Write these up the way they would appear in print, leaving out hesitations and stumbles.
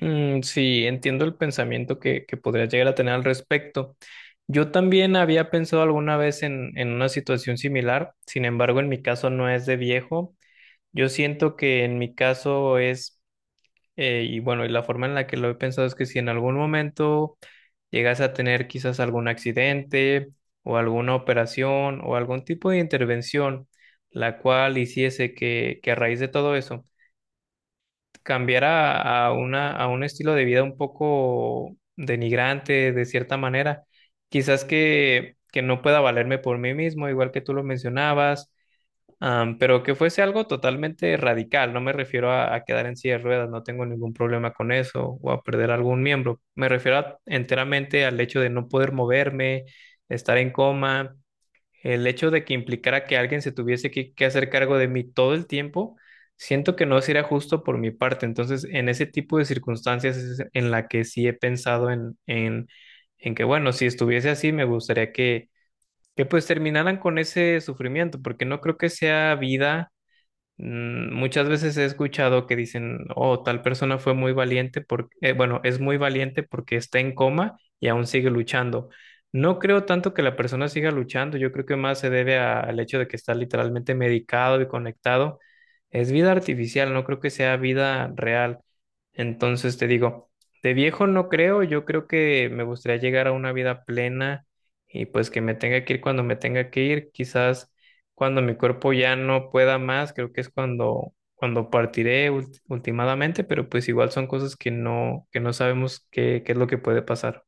Mm, sí, entiendo el pensamiento que podría llegar a tener al respecto. Yo también había pensado alguna vez en una situación similar. Sin embargo, en mi caso no es de viejo. Yo siento que en mi caso es, y bueno, y la forma en la que lo he pensado es que si en algún momento llegas a tener quizás algún accidente o alguna operación o algún tipo de intervención, la cual hiciese que a raíz de todo eso, cambiar a un estilo de vida un poco denigrante de cierta manera. Quizás que no pueda valerme por mí mismo, igual que tú lo mencionabas, pero que fuese algo totalmente radical. No me refiero a quedar en silla de ruedas, no tengo ningún problema con eso, o a perder algún miembro. Enteramente al hecho de no poder moverme, estar en coma. El hecho de que implicara que alguien se tuviese que hacer cargo de mí todo el tiempo, siento que no sería justo por mi parte. Entonces, en ese tipo de circunstancias es en la que sí he pensado en que, bueno, si estuviese así, me gustaría que pues terminaran con ese sufrimiento, porque no creo que sea vida. Mm. Muchas veces he escuchado que dicen, oh, tal persona fue muy valiente porque, bueno, es muy valiente porque está en coma y aún sigue luchando. No creo tanto que la persona siga luchando, yo creo que más se debe a- al hecho de que está literalmente medicado y conectado. Es vida artificial, no creo que sea vida real. Entonces te digo, de viejo no creo, yo creo que me gustaría llegar a una vida plena y pues que me tenga que ir cuando me tenga que ir, quizás cuando mi cuerpo ya no pueda más, creo que es cuando partiré ultimadamente, pero pues igual son cosas que no sabemos qué es lo que puede pasar.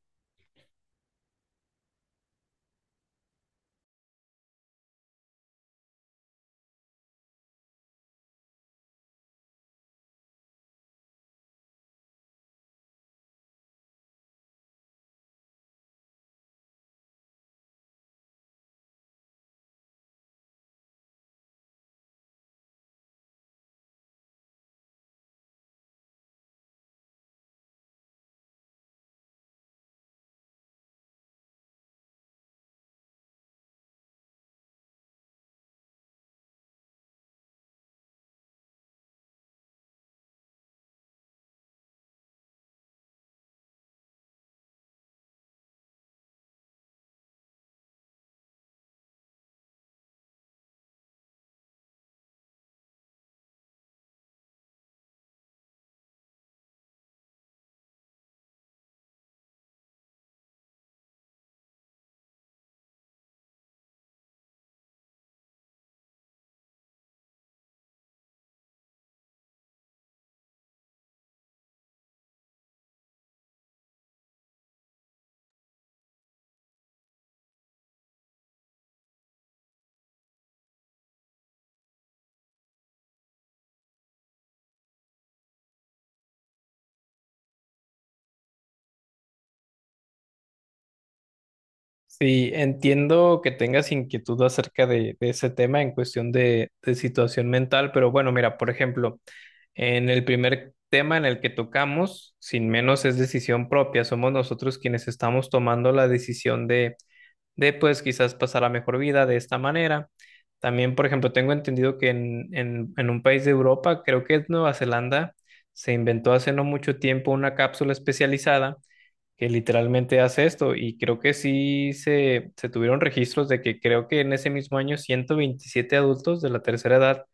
Sí, entiendo que tengas inquietud acerca de ese tema en cuestión de situación mental, pero bueno, mira, por ejemplo, en el primer tema en el que tocamos, sin menos es decisión propia, somos nosotros quienes estamos tomando la decisión de pues quizás pasar la mejor vida de esta manera. También, por ejemplo, tengo entendido que en un país de Europa, creo que es Nueva Zelanda, se inventó hace no mucho tiempo una cápsula especializada que literalmente hace esto, y creo que sí se tuvieron registros de que creo que en ese mismo año 127 adultos de la tercera edad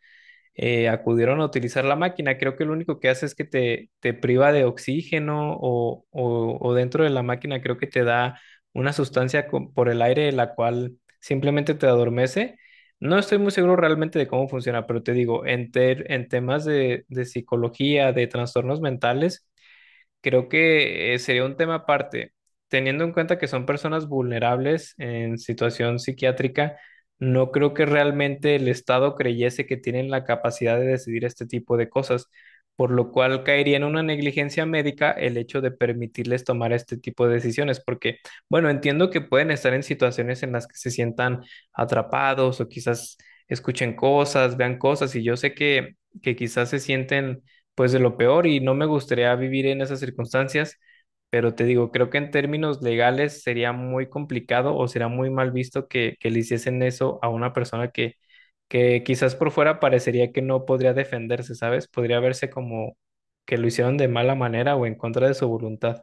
acudieron a utilizar la máquina. Creo que lo único que hace es que te priva de oxígeno o dentro de la máquina creo que te da una sustancia por el aire, la cual simplemente te adormece. No estoy muy seguro realmente de cómo funciona, pero te digo, en temas de psicología, de trastornos mentales, creo que sería un tema aparte. Teniendo en cuenta que son personas vulnerables en situación psiquiátrica, no creo que realmente el Estado creyese que tienen la capacidad de decidir este tipo de cosas, por lo cual caería en una negligencia médica el hecho de permitirles tomar este tipo de decisiones, porque, bueno, entiendo que pueden estar en situaciones en las que se sientan atrapados o quizás escuchen cosas, vean cosas, y yo sé que quizás se sienten pues de lo peor, y no me gustaría vivir en esas circunstancias, pero te digo, creo que en términos legales sería muy complicado o sería muy mal visto que le hiciesen eso a una persona que quizás por fuera parecería que no podría defenderse, ¿sabes? Podría verse como que lo hicieron de mala manera o en contra de su voluntad.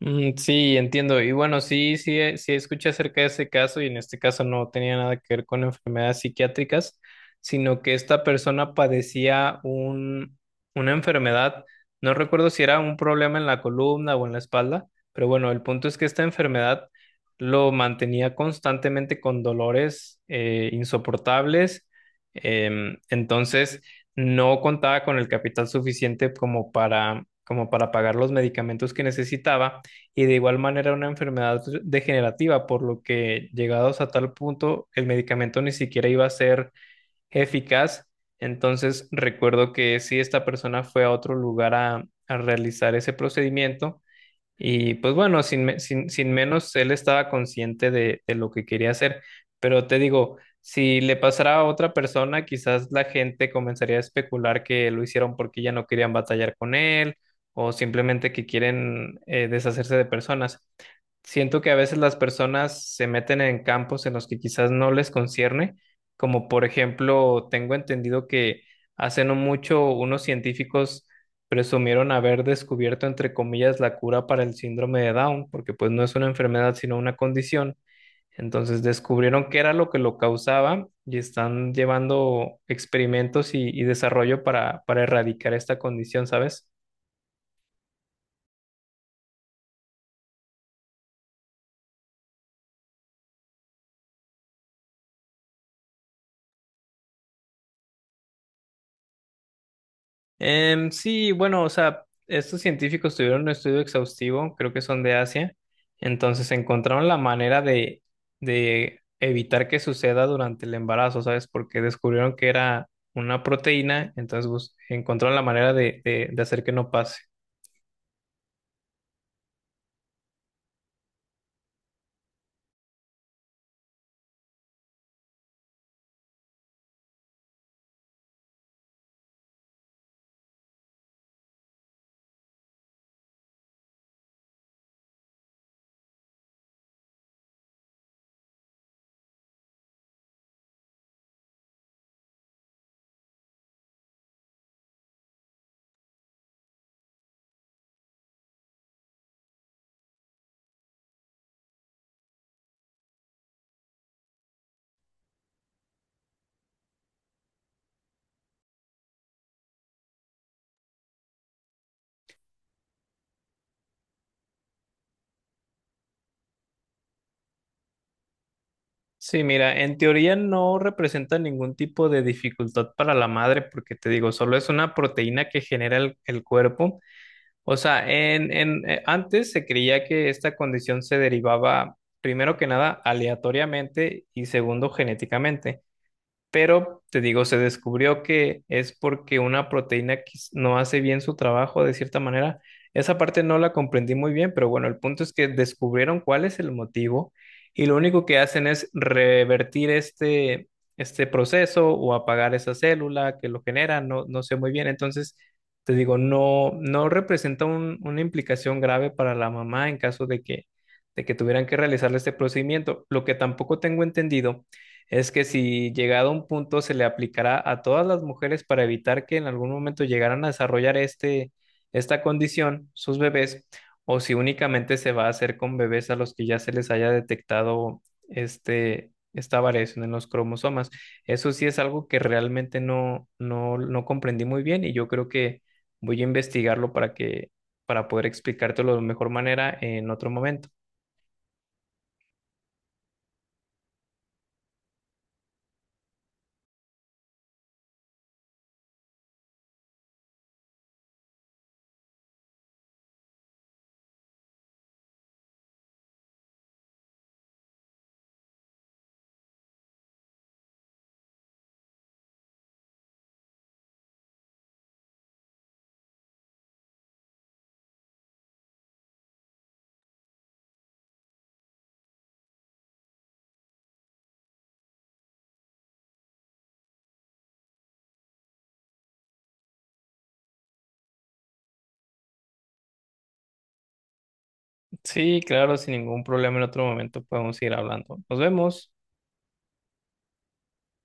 Mm, sí, entiendo. Y bueno, sí, sí escuché acerca de ese caso, y en este caso no tenía nada que ver con enfermedades psiquiátricas, sino que esta persona padecía una enfermedad, no recuerdo si era un problema en la columna o en la espalda, pero bueno, el punto es que esta enfermedad lo mantenía constantemente con dolores insoportables. Entonces no contaba con el capital suficiente como como para pagar los medicamentos que necesitaba, y de igual manera una enfermedad degenerativa, por lo que llegados a tal punto el medicamento ni siquiera iba a ser eficaz. Entonces recuerdo que si esta persona fue a otro lugar a realizar ese procedimiento, y pues bueno, sin, me- sin, sin menos, él estaba consciente de lo que quería hacer. Pero te digo, si le pasara a otra persona, quizás la gente comenzaría a especular que lo hicieron porque ya no querían batallar con él, o simplemente que quieren deshacerse de personas. Siento que a veces las personas se meten en campos en los que quizás no les concierne, como por ejemplo, tengo entendido que hace no mucho unos científicos presumieron haber descubierto, entre comillas, la cura para el síndrome de Down, porque pues no es una enfermedad sino una condición. Entonces descubrieron qué era lo que lo causaba y están llevando experimentos y desarrollo para erradicar esta condición, ¿sabes? Em, sí, bueno, o sea, estos científicos tuvieron un estudio exhaustivo, creo que son de Asia, entonces encontraron la manera de evitar que suceda durante el embarazo, ¿sabes? Porque descubrieron que era una proteína, entonces encontraron la manera de hacer que no pase. Sí, mira, en teoría no representa ningún tipo de dificultad para la madre, porque te digo, solo es una proteína que genera el cuerpo. O sea, antes se creía que esta condición se derivaba, primero que nada, aleatoriamente, y segundo, genéticamente. Pero te digo, se descubrió que es porque una proteína que no hace bien su trabajo de cierta manera. Esa parte no la comprendí muy bien, pero bueno, el punto es que descubrieron cuál es el motivo, y lo único que hacen es revertir este proceso o apagar esa célula que lo genera, no, no sé muy bien. Entonces, te digo, no, no representa una implicación grave para la mamá en caso de de que tuvieran que realizarle este procedimiento. Lo que tampoco tengo entendido es que si llegado a un punto se le aplicará a todas las mujeres para evitar que en algún momento llegaran a desarrollar esta condición, sus bebés, o si únicamente se va a hacer con bebés a los que ya se les haya detectado esta variación en los cromosomas. Eso sí es algo que realmente no comprendí muy bien, y yo creo que voy a investigarlo para poder explicártelo de mejor manera en otro momento. Sí, claro, sin ningún problema, en otro momento podemos ir hablando. Nos vemos.